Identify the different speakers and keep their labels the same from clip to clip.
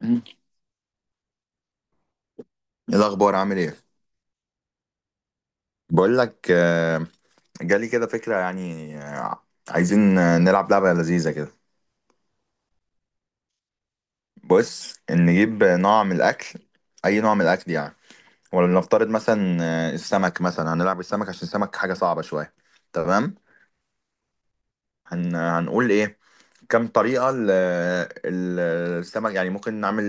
Speaker 1: مم. إيه الأخبار؟ عامل إيه؟ بقول لك، جالي كده فكرة يعني، عايزين نلعب لعبة لذيذة كده. بص، نجيب نوع من الأكل، أي نوع من الأكل يعني. ولنفترض مثلا السمك، مثلا هنلعب السمك عشان السمك حاجة صعبة شوية. تمام؟ هنقول إيه؟ كم طريقة ال- السمك يعني ممكن نعمل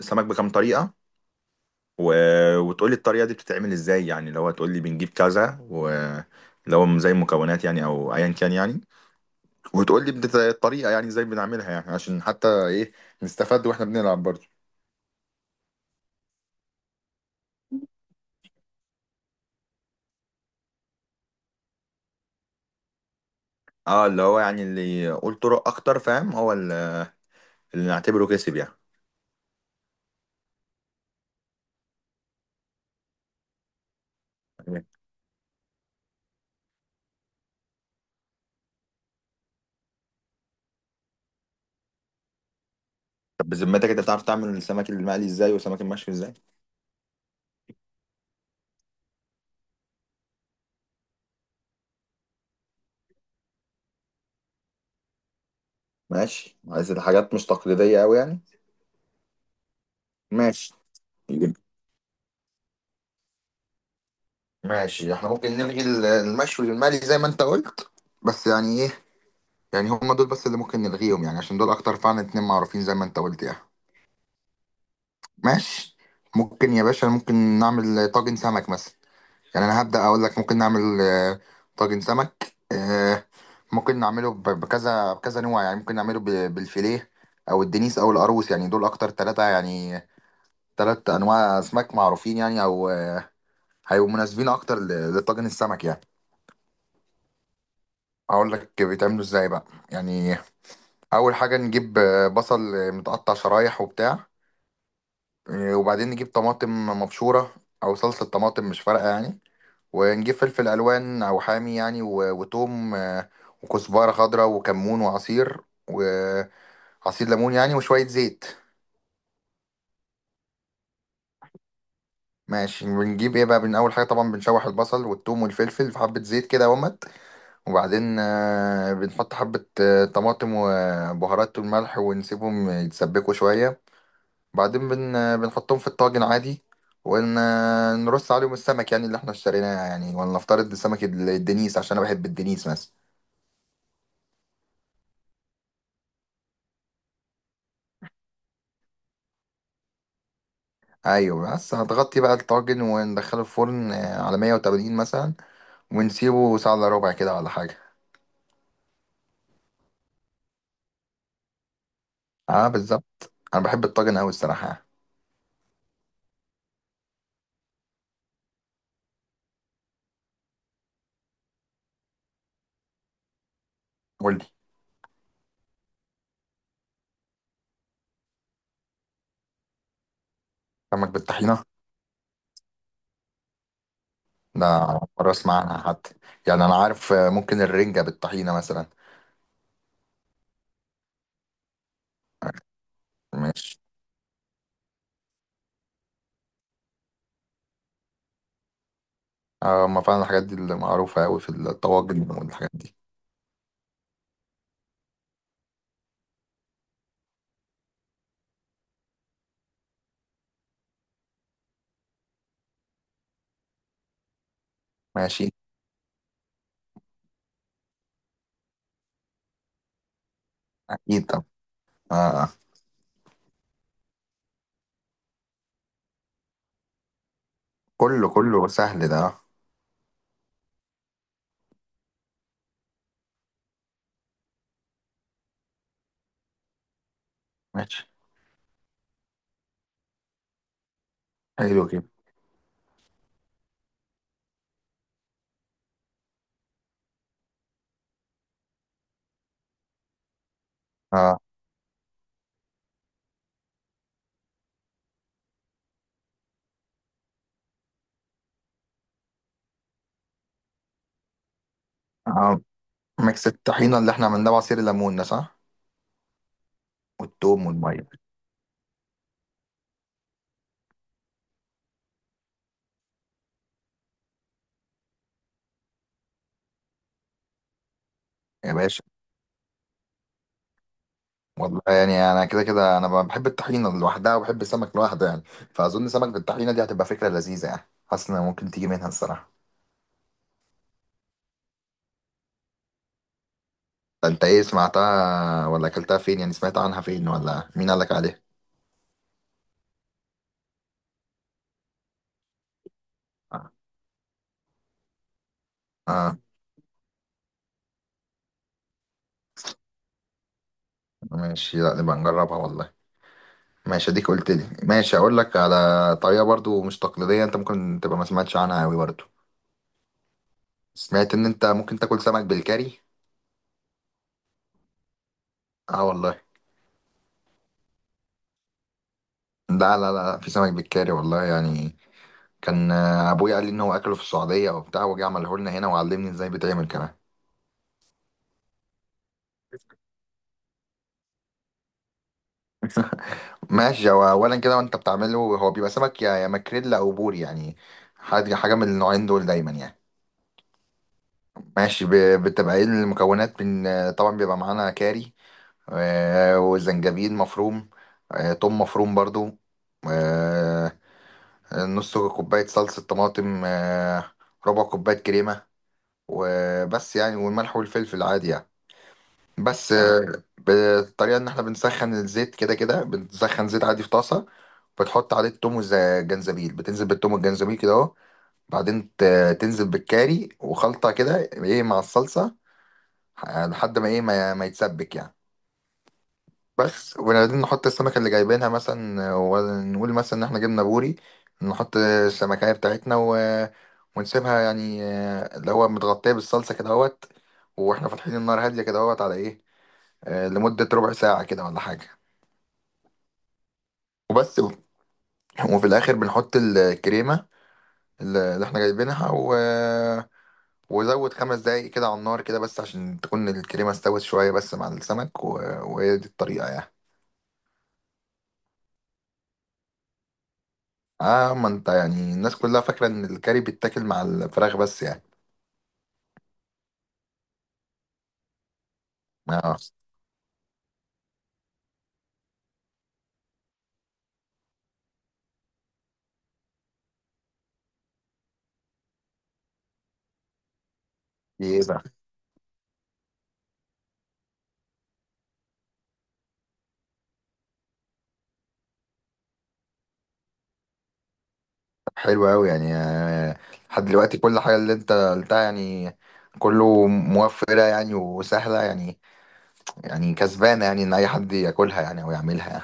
Speaker 1: السمك بكم طريقة. و... وتقولي الطريقة دي بتتعمل إزاي، يعني لو هتقولي بنجيب كذا لو زي المكونات يعني أو أيا كان يعني. وتقول لي الطريقه يعني ازاي بنعملها، يعني عشان حتى ايه، نستفاد واحنا بنلعب برضه. اه، اللي هو يعني اللي يقول طرق اكتر، فاهم؟ هو اللي نعتبره كسب يعني. تمام. طب بذمتك انت بتعرف تعمل السمك المقلي ازاي والسمك المشوي ازاي؟ ماشي، عايز الحاجات مش تقليديه قوي يعني. ماشي ماشي، احنا ممكن نلغي المشوي والمقلي زي ما انت قلت، بس يعني ايه، يعني هم دول بس اللي ممكن نلغيهم يعني، عشان دول اكتر فعلا اتنين معروفين زي ما انت قلت يعني. ماشي. ممكن يا باشا، ممكن نعمل طاجن سمك مثلا. يعني انا هبدأ اقول لك، ممكن نعمل طاجن سمك، ممكن نعمله بكذا بكذا نوع يعني، ممكن نعمله بالفيليه او الدنيس او القاروص، يعني دول اكتر ثلاثة يعني، ثلاث انواع اسماك معروفين يعني، او هيبقوا مناسبين اكتر لطاجن السمك يعني. اقول لك بيتعملوا ازاي بقى. يعني اول حاجة نجيب بصل متقطع شرايح وبتاع، وبعدين نجيب طماطم مبشورة او صلصة طماطم، مش فارقة يعني. ونجيب فلفل الوان او حامي يعني، وتوم، وكزبره خضراء وكمون وعصير ليمون يعني، وشويه زيت. ماشي. بنجيب ايه بقى من اول حاجه؟ طبعا بنشوح البصل والثوم والفلفل في حبه زيت كده، ومت. وبعدين بنحط حبه طماطم وبهارات والملح، ونسيبهم يتسبكوا شويه. بعدين بن آه، بنحطهم في الطاجن عادي، ونرص عليهم السمك يعني اللي احنا اشتريناه، يعني ولا نفترض السمك الدنيس عشان انا بحب الدنيس مثلا. ايوه. بس هتغطي بقى الطاجن وندخله الفرن على 180 مثلا، ونسيبه ساعه الا ربع كده ولا حاجه. اه بالظبط، انا بحب الطاجن قوي الصراحه. قول لي. سمك بالطحينه؟ ده أول مره اسمع عنها حتى. يعني انا عارف ممكن الرنجه بالطحينه مثلا. ماشي. اه، ما فعلا الحاجات دي اللي معروفه قوي في الطواجن والحاجات دي. ماشي. اكيد. طب. اه. آه. كله كله سهل ده، اه. ماشي. حلو كده. اه، اه. ميكس الطحينه اللي احنا عملناه بعصير الليمون، ده صح؟ والثوم والميه. يا باشا، والله يعني انا كده كده، انا بحب الطحينه لوحدها وبحب السمك لوحده يعني، فاظن سمك بالطحينه دي هتبقى فكره لذيذه يعني، حاسس انها ممكن تيجي منها الصراحه. ده انت ايه، سمعتها ولا اكلتها فين؟ يعني سمعت عنها فين ولا مين قالك عليها؟ اه. آه، ماشي. لا نبقى نجربها والله. ماشي. اديك قلت لي، ماشي اقول لك على طريقه برضو مش تقليديه، انت ممكن تبقى ما سمعتش عنها قوي برضو. سمعت ان انت ممكن تاكل سمك بالكاري. اه والله. لا لا لا، في سمك بالكاري والله يعني. كان ابويا قال لي ان هو اكله في السعوديه او بتاع، وجه عمله لنا هنا وعلمني ازاي بيتعمل كمان. ماشي. هو اولا كده وانت بتعمله، هو بيبقى سمك يا ماكريلا او بوري يعني، حاجه حاجه من النوعين دول دايما يعني. ماشي. بتبقى ايه المكونات؟ من طبعا بيبقى معانا كاري، وزنجبيل مفروم، توم مفروم برضو، آه، نص كوبايه صلصه طماطم، ربع كوبايه كريمه، وبس يعني، والملح والفلفل عادي يعني. بس بالطريقه ان احنا بنسخن الزيت، كده كده بنسخن زيت عادي في طاسه، بتحط عليه التوم والجنزبيل، بتنزل بالتوم والجنزبيل كده اهو. بعدين تنزل بالكاري وخلطه كده، ايه، مع الصلصه لحد ما ايه، ما يتسبك يعني. بس. وبعدين نحط السمكه اللي جايبينها مثلا، ونقول مثلا ان احنا جبنا بوري، نحط السمكيه بتاعتنا ونسيبها يعني، اللي هو متغطيه بالصلصه كده اهوت، واحنا فاتحين النار هاديه كده اهوت، على ايه، لمده ربع ساعه كده ولا حاجه. وبس. وفي الاخر بنحط الكريمه اللي احنا جايبينها، وزود 5 دقايق كده على النار كده، بس عشان تكون الكريمه استوت شويه بس مع السمك، وهي دي الطريقه يعني. اه، ما انت يعني الناس كلها فاكره ان الكاري بيتاكل مع الفراخ بس يعني. اه. دي ايه بقى؟ حلو قوي يعني، لحد دلوقتي كل حاجه اللي انت قلتها يعني، كله موفره يعني وسهله يعني. يعني كسبانه يعني، ان اي حد ياكلها يعني او يعملها يعني.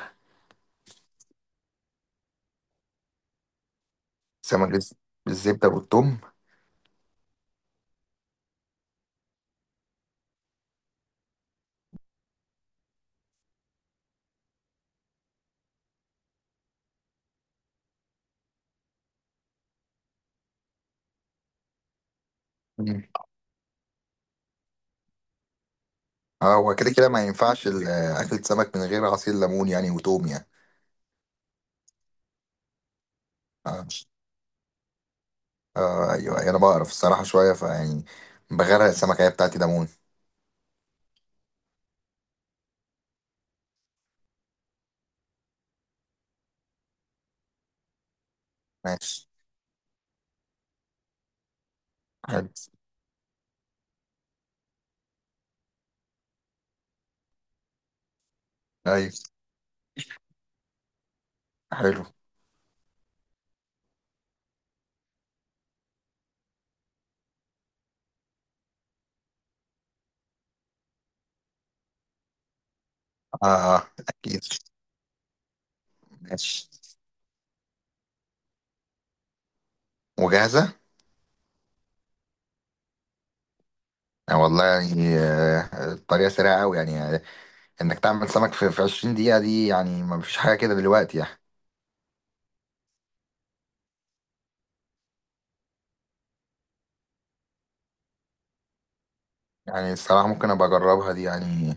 Speaker 1: سمك بالز- بالزبده والثوم؟ اه، هو كده كده ما ينفعش اكلة سمك من غير عصير ليمون يعني وتوم يعني. اه. ايوه، أيوة، انا بعرف الصراحة شوية فيعني، بغرق السمكة هي بتاعتي ليمون. ماشي. حلو. ايوه. حلو. اه. اكيد. ماشي. وجاهزة. والله يعني، الطريقة سريعة قوي يعني، انك تعمل سمك في 20 دقيقة دي يعني، ما فيش حاجة كده دلوقتي يعني. يعني الصراحة ممكن ابقى اجربها دي يعني.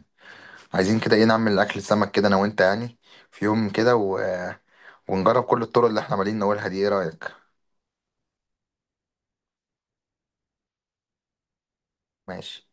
Speaker 1: عايزين كده ايه، نعمل اكل سمك كده انا وانت يعني، في يوم كده، ونجرب كل الطرق اللي احنا عمالين نقولها دي. ايه رأيك؟ ماشي.